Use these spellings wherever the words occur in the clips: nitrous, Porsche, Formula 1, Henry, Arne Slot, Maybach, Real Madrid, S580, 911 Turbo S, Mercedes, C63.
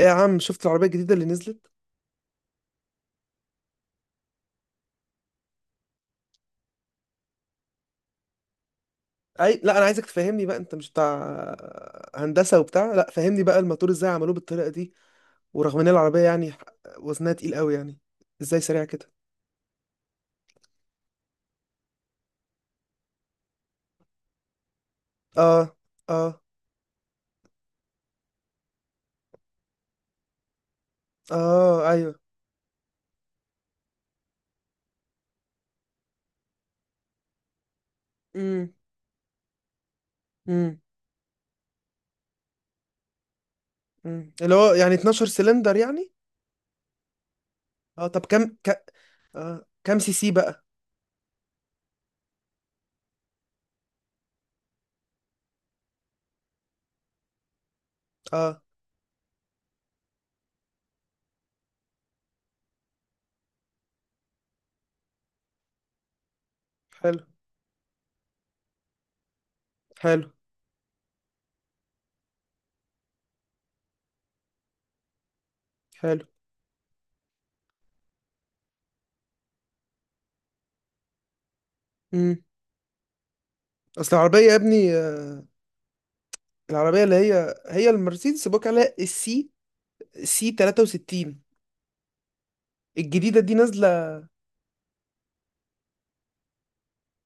ايه يا عم، شفت العربية الجديدة اللي نزلت؟ لا، أنا عايزك تفهمني بقى. أنت مش بتاع هندسة وبتاع؟ لا، فهمني بقى الموتور إزاي عملوه بالطريقة دي. ورغم إن العربية يعني وزنها تقيل قوي يعني، إزاي سريعة كده؟ آه. آه. آه، أيوه. امم امم امم، اللي هو يعني 12 سلندر يعني؟ آه، طب آه، كم سي سي بقى؟ آه. حلو. حلو. حلو. امم. أصل العربية يا ابني آه، العربية اللي هي المرسيدس بيقول عليها السي سي 63 الجديدة دي نازلة.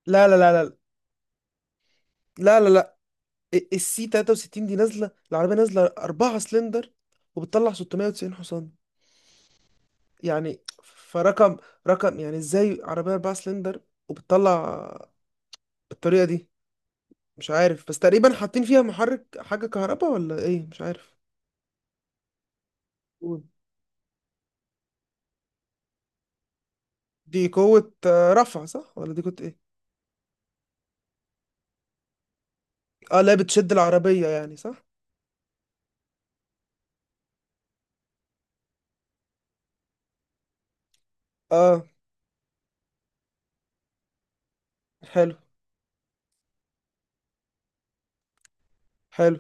لا لا لا لا لا لا لا، السي 63 دي نازله. العربيه نازله 4 سلندر وبتطلع 690 حصان. يعني رقم، يعني ازاي عربيه 4 سلندر وبتطلع بالطريقه دي؟ مش عارف، بس تقريبا حاطين فيها محرك حاجه كهرباء ولا ايه، مش عارف. قول. دي قوه آه، رفع صح، ولا دي قوه ايه؟ اه، لا، بتشد العربيه يعني صح. اه. حلو. حلو.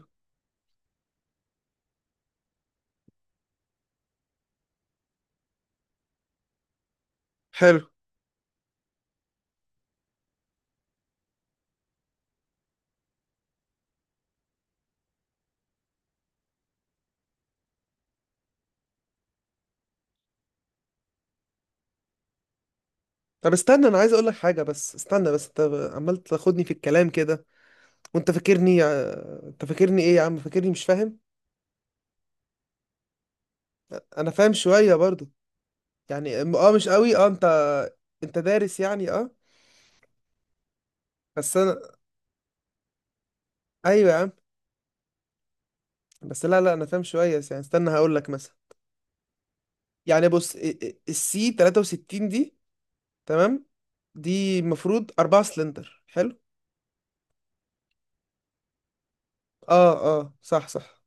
حلو. طب استنى، انا عايز اقول لك حاجه، بس استنى. بس انت عمال تاخدني في الكلام كده، وانت فاكرني آه، انت فاكرني ايه يا عم؟ فاكرني مش فاهم؟ انا فاهم شويه برضو. يعني اه، مش قوي. اه، انت دارس يعني، اه. بس انا، ايوه يا عم، بس لا لا انا فاهم شويه يعني. استنى هقول لك مثلا. يعني بص، السي 63 دي، تمام، دي المفروض أربعة سلندر، حلو. اه. اه، صح صح.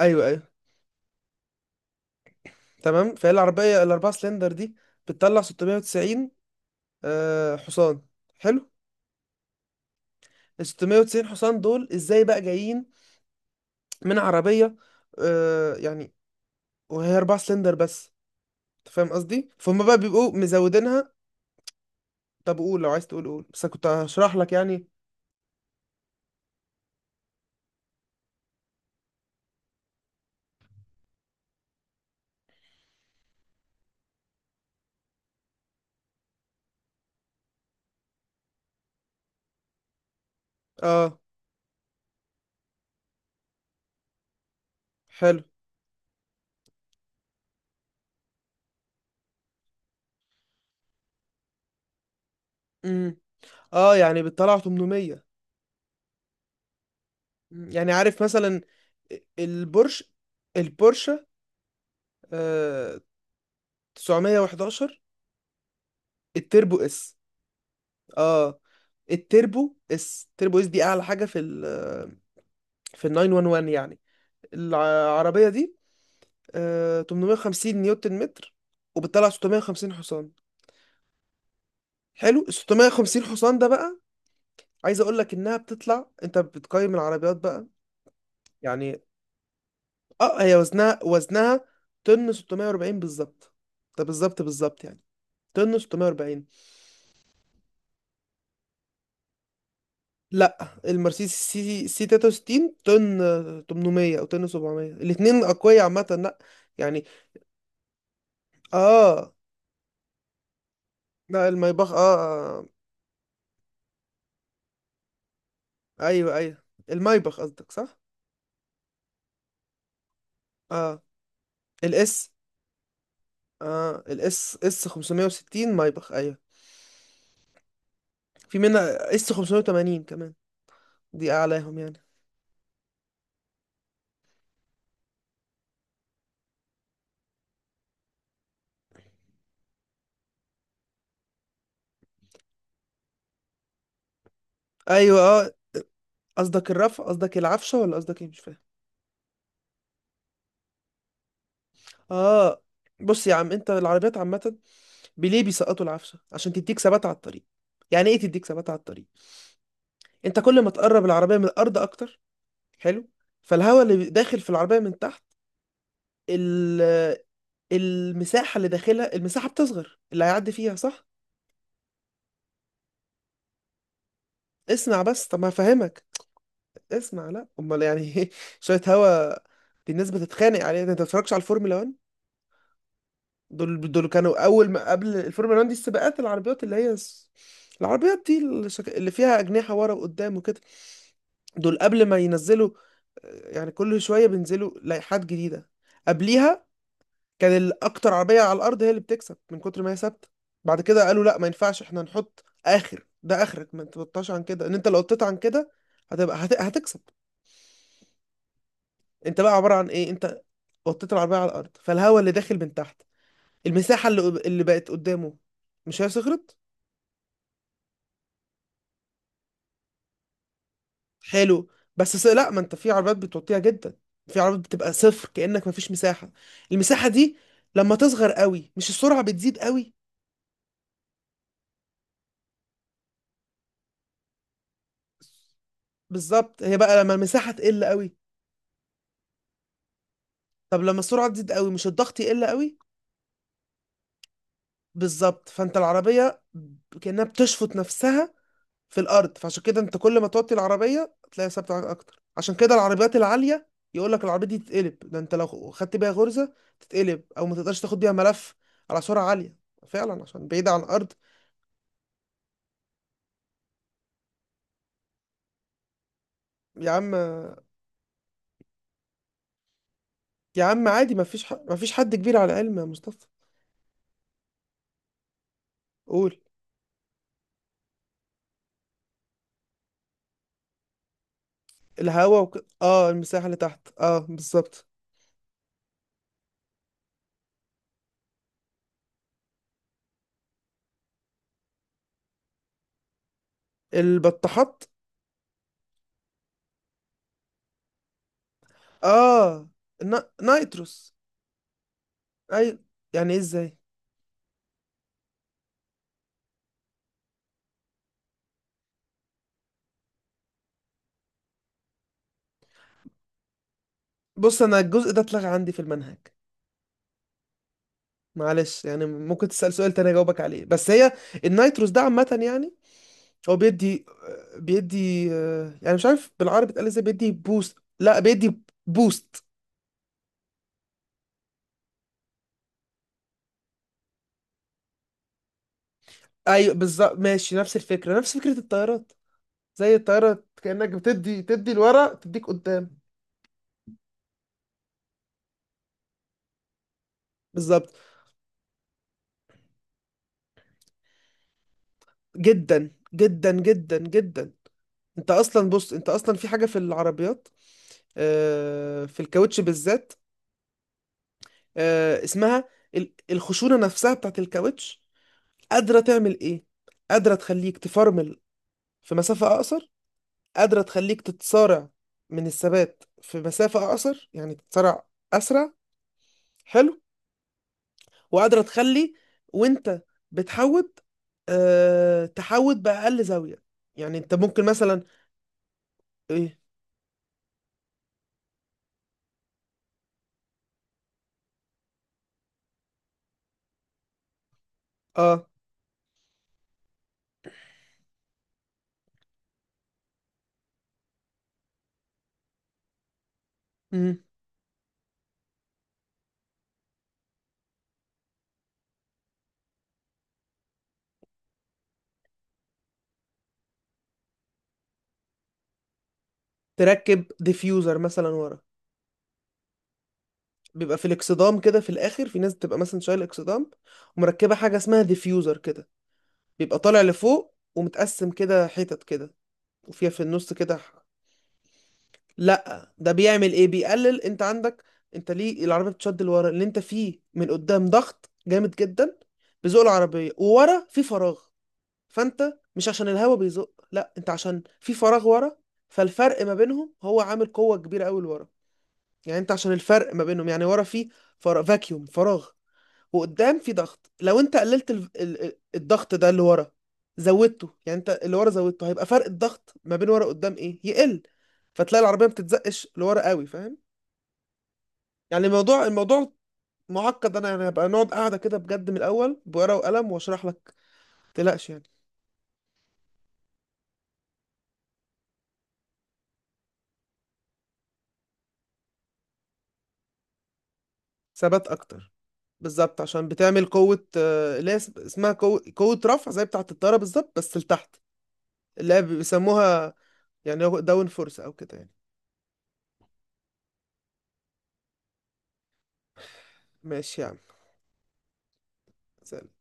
ايوه، ايوه. تمام، فهي العربيه الأربعة سلندر دي بتطلع 690 آه حصان. حلو. ال 690 حصان دول ازاي بقى جايين من عربية آه، يعني، وهي أربعة سلندر بس؟ أنت فاهم قصدي؟ فهم بقى، بيبقوا مزودينها. طب قول، لو عايز تقول قول، بس أنا كنت هشرح لك يعني. اه. حلو. امم. اه، يعني بتطلع 800. مم. يعني عارف مثلا البورش، البورشة آه 911 التربو اس. اه، التربو اس، التربو اس دي اعلى حاجة في ال، في ال 911 يعني. العربية دي آه 850 نيوتن متر، وبتطلع 650 حصان. حلو، ال 650 حصان ده بقى عايز اقول لك انها بتطلع. انت بتقيم العربيات بقى يعني، اه، هي وزنها طن 640 بالظبط. ده بالظبط بالظبط يعني، طن 640. لا، المرسيدس سي سي 63 طن 800 او طن 700، الاثنين اقوياء عامه، لا يعني. اه، لا المايباخ اه، آه، آه، ايوه ايوه، المايباخ قصدك صح. اه الاس. اه الاس اس 560 مايباخ، ايوه. في منها اس 580 كمان، دي اعلاهم يعني. ايوه اه، قصدك الرفع، قصدك العفشه، ولا قصدك ايه؟ مش فاهم. اه بص يا عم، انت العربيات عامه بليه بيسقطوا العفشه عشان تديك ثبات على الطريق. يعني ايه تديك ثبات على الطريق؟ انت كل ما تقرب العربيه من الارض اكتر، حلو، فالهواء اللي داخل في العربيه من تحت، ال، المساحه اللي داخلها، المساحه بتصغر اللي هيعدي فيها، صح؟ اسمع بس، طب ما هفهمك. اسمع، لا، امال يعني إيه؟ شويه هوا؟ دي الناس بتتخانق عليها، ده انت ما بتتفرجش على الفورمولا 1. دول كانوا اول ما قبل الفورمولا 1 دي، السباقات العربيات اللي العربيات دي اللي فيها اجنحه ورا وقدام وكده. دول قبل ما ينزلوا آه، يعني كل شويه بينزلوا لائحات جديده. قبليها كان الاكتر عربيه على الارض هي اللي بتكسب، من كتر ما هي ثابته. بعد كده قالوا لا، ما ينفعش، احنا نحط اخر، ده اخرك، ما تبطاش عن كده، ان انت لو قطيت عن كده هتكسب. انت بقى عباره عن ايه؟ انت وطيت العربيه على الارض، فالهواء اللي داخل من تحت، المساحه اللي بقت قدامه، مش هي صغرت؟ حلو. لا، ما انت في عربيات بتوطيها جدا، في عربيات بتبقى صفر كانك ما فيش مساحه. المساحه دي لما تصغر قوي، مش السرعه بتزيد قوي؟ بالظبط. هي بقى لما المساحه تقل قوي، طب لما السرعه تزيد قوي، مش الضغط يقل قوي؟ بالظبط، فانت العربيه كانها بتشفط نفسها في الارض. فعشان كده انت كل ما توطي العربيه تلاقي ثابته معاك اكتر. عشان كده العربيات العاليه يقول لك العربيه دي تتقلب، ده انت لو خدت بيها غرزه تتقلب، او ما تقدرش تاخد بيها ملف على سرعه عاليه، فعلا عشان بعيده عن الارض. يا عم، يا عم عادي، ما فيش حد كبير على العلم يا مصطفى. قول. اه، المساحه اللي تحت، اه بالظبط. البطاحات. اه، نايتروس. اي. يعني ايه ازاي؟ بص انا الجزء ده اتلغى عندي في المنهج. معلش يعني، ممكن تسأل سؤال تاني اجاوبك عليه. بس هي النيتروس ده عامة يعني هو بيدي آه، يعني مش عارف بالعربي اتقال ازاي، بيدي بوست. لا، بيدي بوست. ايوه بالظبط، ماشي، نفس الفكرة، نفس فكرة الطيارات. زي الطيارة كأنك تدي لورا، تديك قدام. بالظبط. جدا جدا جدا جدا. انت اصلا بص، انت اصلا في حاجة في العربيات آه، في الكاوتش بالذات آه، اسمها الخشونة نفسها بتاعت الكاوتش، قادرة تعمل إيه؟ قادرة تخليك تفرمل في مسافة أقصر، قادرة تخليك تتسارع من الثبات في مسافة أقصر، يعني تتسارع أسرع. حلو. وقادرة تخلي وأنت بتحود تحود بأقل زاوية، يعني أنت ممكن مثلا، إيه؟ آه. مم. تركب ديفيوزر مثلا ورا. بيبقى في الاكسدام كده في الآخر، في ناس بتبقى مثلا شايلة اكسدام ومركبة حاجة اسمها ديفيوزر كده، بيبقى طالع لفوق ومتقسم كده حتت كده، وفيها في النص كده لا، ده بيعمل ايه، بيقلل. انت عندك، انت ليه العربيه بتشد لورا؟ اللي انت فيه من قدام ضغط جامد جدا بيزق العربيه، وورا في فراغ. فانت مش عشان الهوا بيزق، لا، انت عشان في فراغ ورا، فالفرق ما بينهم هو عامل قوه كبيره قوي لورا. يعني انت، عشان الفرق ما بينهم يعني، ورا في فراغ، فاكيوم، فراغ، وقدام في ضغط. لو انت قللت الضغط ده اللي ورا، زودته يعني، انت اللي ورا زودته، هيبقى فرق الضغط ما بين ورا قدام ايه؟ يقل، فتلاقي العربيه ما بتتزقش لورا قوي، فاهم؟ يعني الموضوع، معقد، انا يعني هبقى نقعد قاعده كده بجد من الاول بورقه وقلم واشرح لك، ما تقلقش يعني. ثبات اكتر، بالظبط، عشان بتعمل قوه آه، اللي هي اسمها قوه، قوة رفع زي بتاعه الطياره بالظبط بس لتحت. اللي هي بيسموها يعني داون فورس او كده يعني. ماشي يا عم.